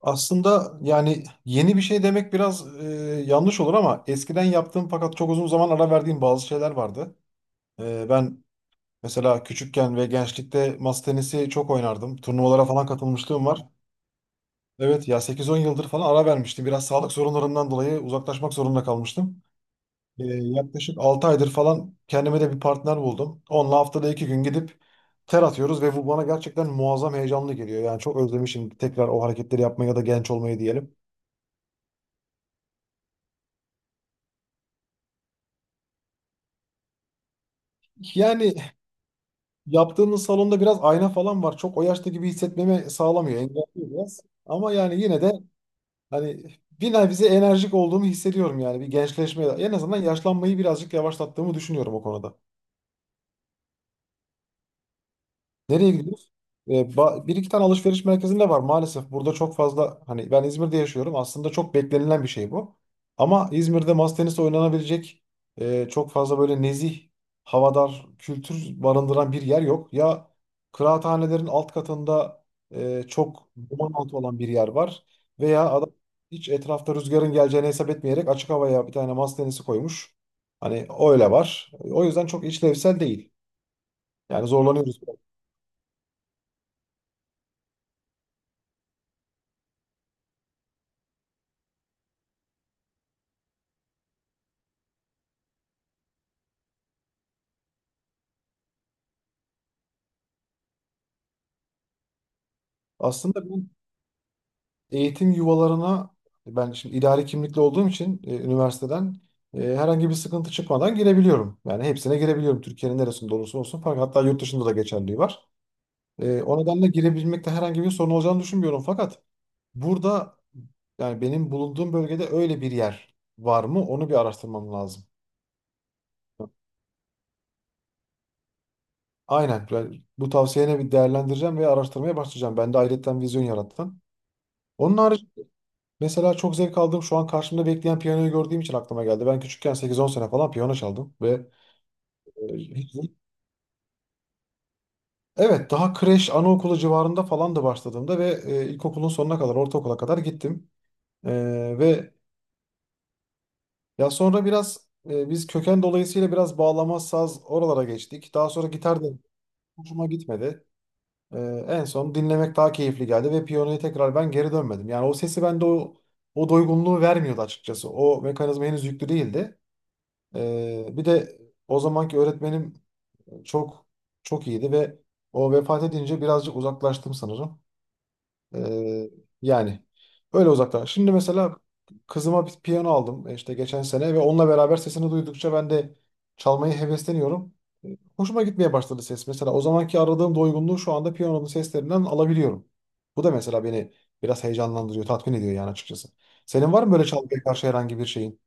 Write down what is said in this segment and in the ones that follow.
Aslında yani yeni bir şey demek biraz yanlış olur ama eskiden yaptığım fakat çok uzun zaman ara verdiğim bazı şeyler vardı. Ben mesela küçükken ve gençlikte masa tenisi çok oynardım. Turnuvalara falan katılmışlığım var. Evet ya 8-10 yıldır falan ara vermiştim. Biraz sağlık sorunlarımdan dolayı uzaklaşmak zorunda kalmıştım. Yaklaşık 6 aydır falan kendime de bir partner buldum. Onunla haftada 2 gün gidip ter atıyoruz ve bu bana gerçekten muazzam heyecanlı geliyor. Yani çok özlemişim tekrar o hareketleri yapmaya ya da genç olmayı diyelim. Yani, yaptığınız salonda biraz ayna falan var. Çok o yaşta gibi hissetmemi sağlamıyor. Engelliyor biraz. Ama yani yine de hani bir nebze enerjik olduğumu hissediyorum yani. Bir gençleşme. En azından yaşlanmayı birazcık yavaşlattığımı düşünüyorum o konuda. Nereye gidiyoruz? Bir iki tane alışveriş merkezinde var maalesef. Burada çok fazla hani ben İzmir'de yaşıyorum. Aslında çok beklenilen bir şey bu. Ama İzmir'de masa tenisi oynanabilecek çok fazla böyle nezih, havadar, kültür barındıran bir yer yok. Ya kıraathanelerin alt katında çok duman altı olan bir yer var. Veya adam hiç etrafta rüzgarın geleceğini hesap etmeyerek açık havaya bir tane masa tenisi koymuş. Hani öyle var. O yüzden çok işlevsel değil. Yani zorlanıyoruz. Aslında ben eğitim yuvalarına, ben şimdi idari kimlikli olduğum için üniversiteden herhangi bir sıkıntı çıkmadan girebiliyorum. Yani hepsine girebiliyorum. Türkiye'nin neresinde olursa olsun. Fakat hatta yurt dışında da geçerliği var. O nedenle girebilmekte herhangi bir sorun olacağını düşünmüyorum. Fakat burada, yani benim bulunduğum bölgede öyle bir yer var mı? Onu bir araştırmam lazım. Aynen. Ben bu tavsiyene bir değerlendireceğim ve araştırmaya başlayacağım. Ben de ayrıca vizyon yarattın. Onun harici, mesela çok zevk aldığım şu an karşımda bekleyen piyanoyu gördüğüm için aklıma geldi. Ben küçükken 8-10 sene falan piyano çaldım ve e, hiç- evet daha kreş anaokulu civarında falan da başladığımda ve ilkokulun sonuna kadar, ortaokula kadar gittim. E, ve Ya sonra biraz biz köken dolayısıyla biraz bağlama, saz oralara geçtik. Daha sonra gitar da hoşuma gitmedi. E, En son dinlemek daha keyifli geldi ve piyanoya tekrar ben geri dönmedim. Yani o sesi bende o doygunluğu vermiyordu açıkçası. O mekanizma henüz yüklü değildi. Bir de o zamanki öğretmenim çok çok iyiydi ve o vefat edince birazcık uzaklaştım sanırım. Ee, Yani öyle uzaklar. Şimdi mesela kızıma bir piyano aldım işte geçen sene, ve onunla beraber sesini duydukça ben de çalmayı hevesleniyorum. Hoşuma gitmeye başladı ses. Mesela o zamanki aradığım doygunluğu şu anda piyanonun seslerinden alabiliyorum. Bu da mesela beni biraz heyecanlandırıyor, tatmin ediyor yani açıkçası. Senin var mı böyle çalmaya karşı herhangi bir şeyin?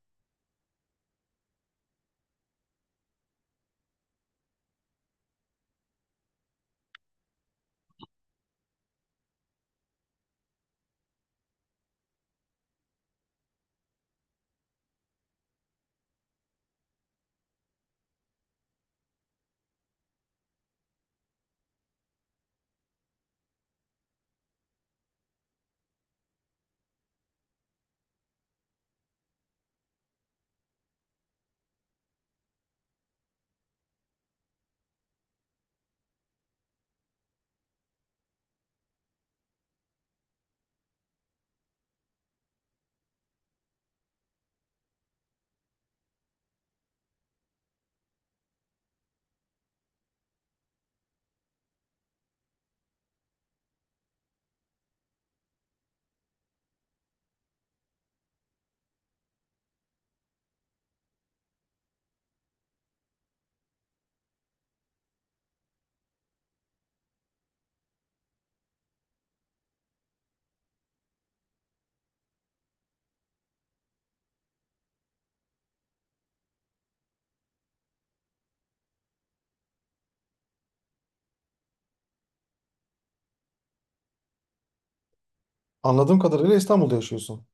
Anladığım kadarıyla İstanbul'da yaşıyorsun.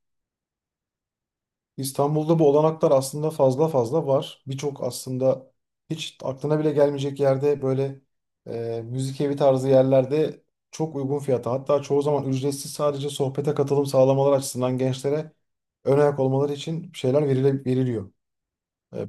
İstanbul'da bu olanaklar aslında fazla fazla var. Birçok aslında hiç aklına bile gelmeyecek yerde böyle müzik evi tarzı yerlerde çok uygun fiyata, hatta çoğu zaman ücretsiz, sadece sohbete katılım sağlamalar açısından gençlere ön ayak olmaları için şeyler veriliyor. E,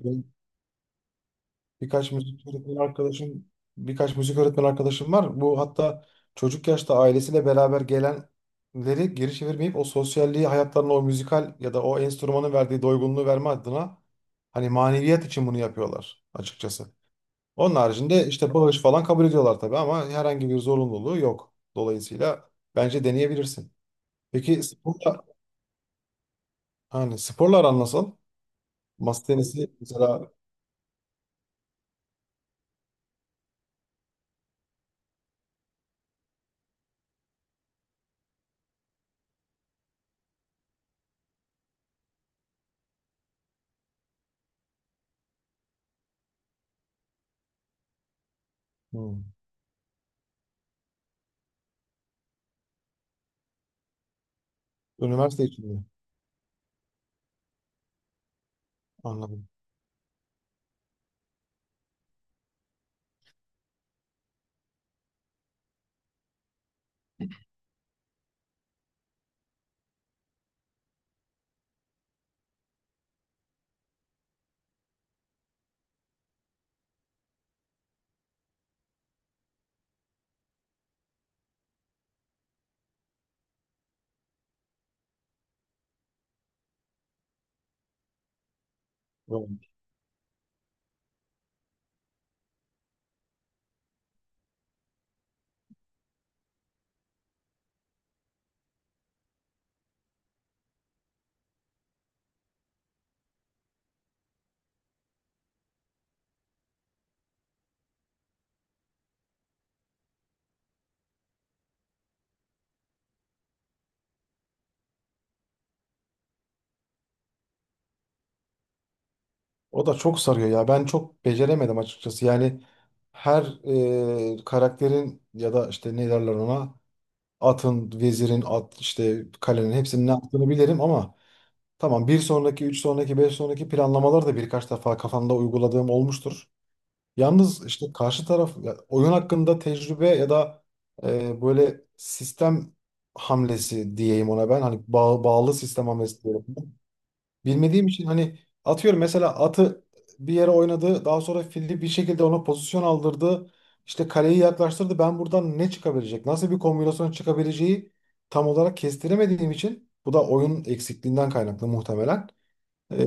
Birkaç müzik öğretmen arkadaşım, birkaç müzik öğretmen arkadaşım var. Bu hatta çocuk yaşta ailesiyle beraber gelenleri geri çevirmeyip o sosyalliği hayatlarına, o müzikal ya da o enstrümanın verdiği doygunluğu verme adına hani maneviyat için bunu yapıyorlar açıkçası. Onun haricinde işte bağış falan kabul ediyorlar tabii, ama herhangi bir zorunluluğu yok. Dolayısıyla bence deneyebilirsin. Peki sporla, hani sporlar nasıl? Masa tenisi mesela. hmm, Üniversite için mi? Anladım. O da çok sarıyor ya. Ben çok beceremedim açıkçası. Yani her karakterin ya da işte ne derler ona, atın, vezirin, at işte kalenin hepsinin ne yaptığını bilirim ama tamam, bir sonraki, üç sonraki, beş sonraki planlamaları da birkaç defa kafamda uyguladığım olmuştur. Yalnız işte karşı taraf, ya oyun hakkında tecrübe ya da böyle sistem hamlesi diyeyim ona ben. Hani bağlı sistem hamlesi diyorum. Bilmediğim için hani atıyorum, mesela atı bir yere oynadı. Daha sonra fili bir şekilde ona pozisyon aldırdı. İşte kaleyi yaklaştırdı. Ben buradan ne çıkabilecek? Nasıl bir kombinasyon çıkabileceği tam olarak kestiremediğim için, bu da oyun eksikliğinden kaynaklı muhtemelen. Ee,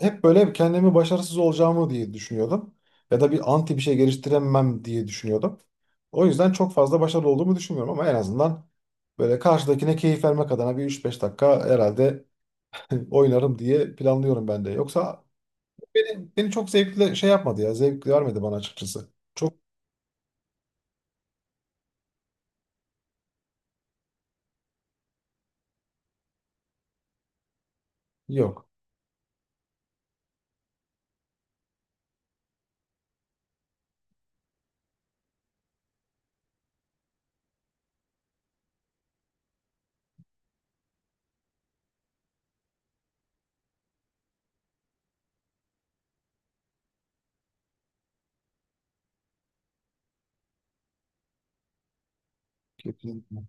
Hep böyle kendimi başarısız olacağımı diye düşünüyordum. Ya da bir anti bir şey geliştiremem diye düşünüyordum. O yüzden çok fazla başarılı olduğumu düşünmüyorum ama en azından böyle karşıdakine keyif vermek adına bir üç beş dakika herhalde oynarım diye planlıyorum ben de. Yoksa beni çok zevkli şey yapmadı ya. Zevk vermedi bana açıkçası. Yok. Kesinlikle.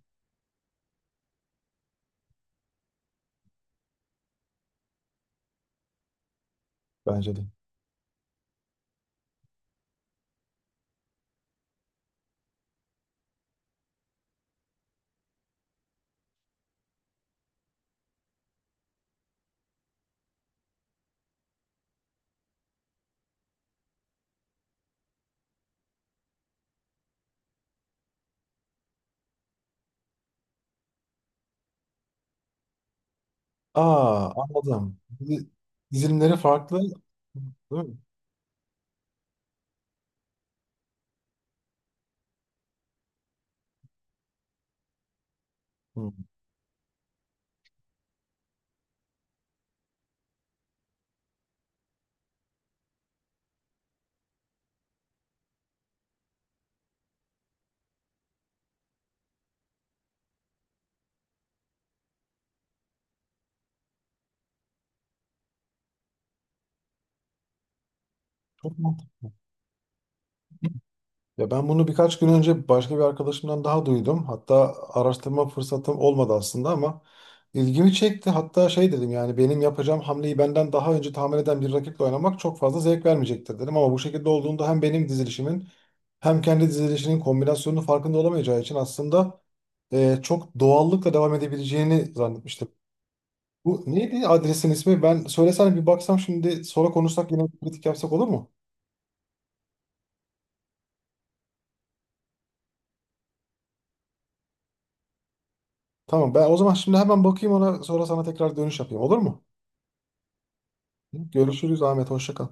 Bence de. Aa, anladım. Dizilimleri farklı. Değil mi? Hı. Çok mu? Ya ben bunu birkaç gün önce başka bir arkadaşımdan daha duydum. Hatta araştırma fırsatım olmadı aslında ama ilgimi çekti. Hatta şey dedim, yani benim yapacağım hamleyi benden daha önce tahmin eden bir rakiple oynamak çok fazla zevk vermeyecektir dedim. Ama bu şekilde olduğunda hem benim dizilişimin hem kendi dizilişinin kombinasyonunun farkında olamayacağı için aslında çok doğallıkla devam edebileceğini zannetmiştim. Bu neydi adresin ismi? Ben söylesene, bir baksam şimdi, sonra konuşsak yine, kritik yapsak, olur mu? Tamam, ben o zaman şimdi hemen bakayım ona, sonra sana tekrar dönüş yapayım, olur mu? Görüşürüz Ahmet. Hoşça kal.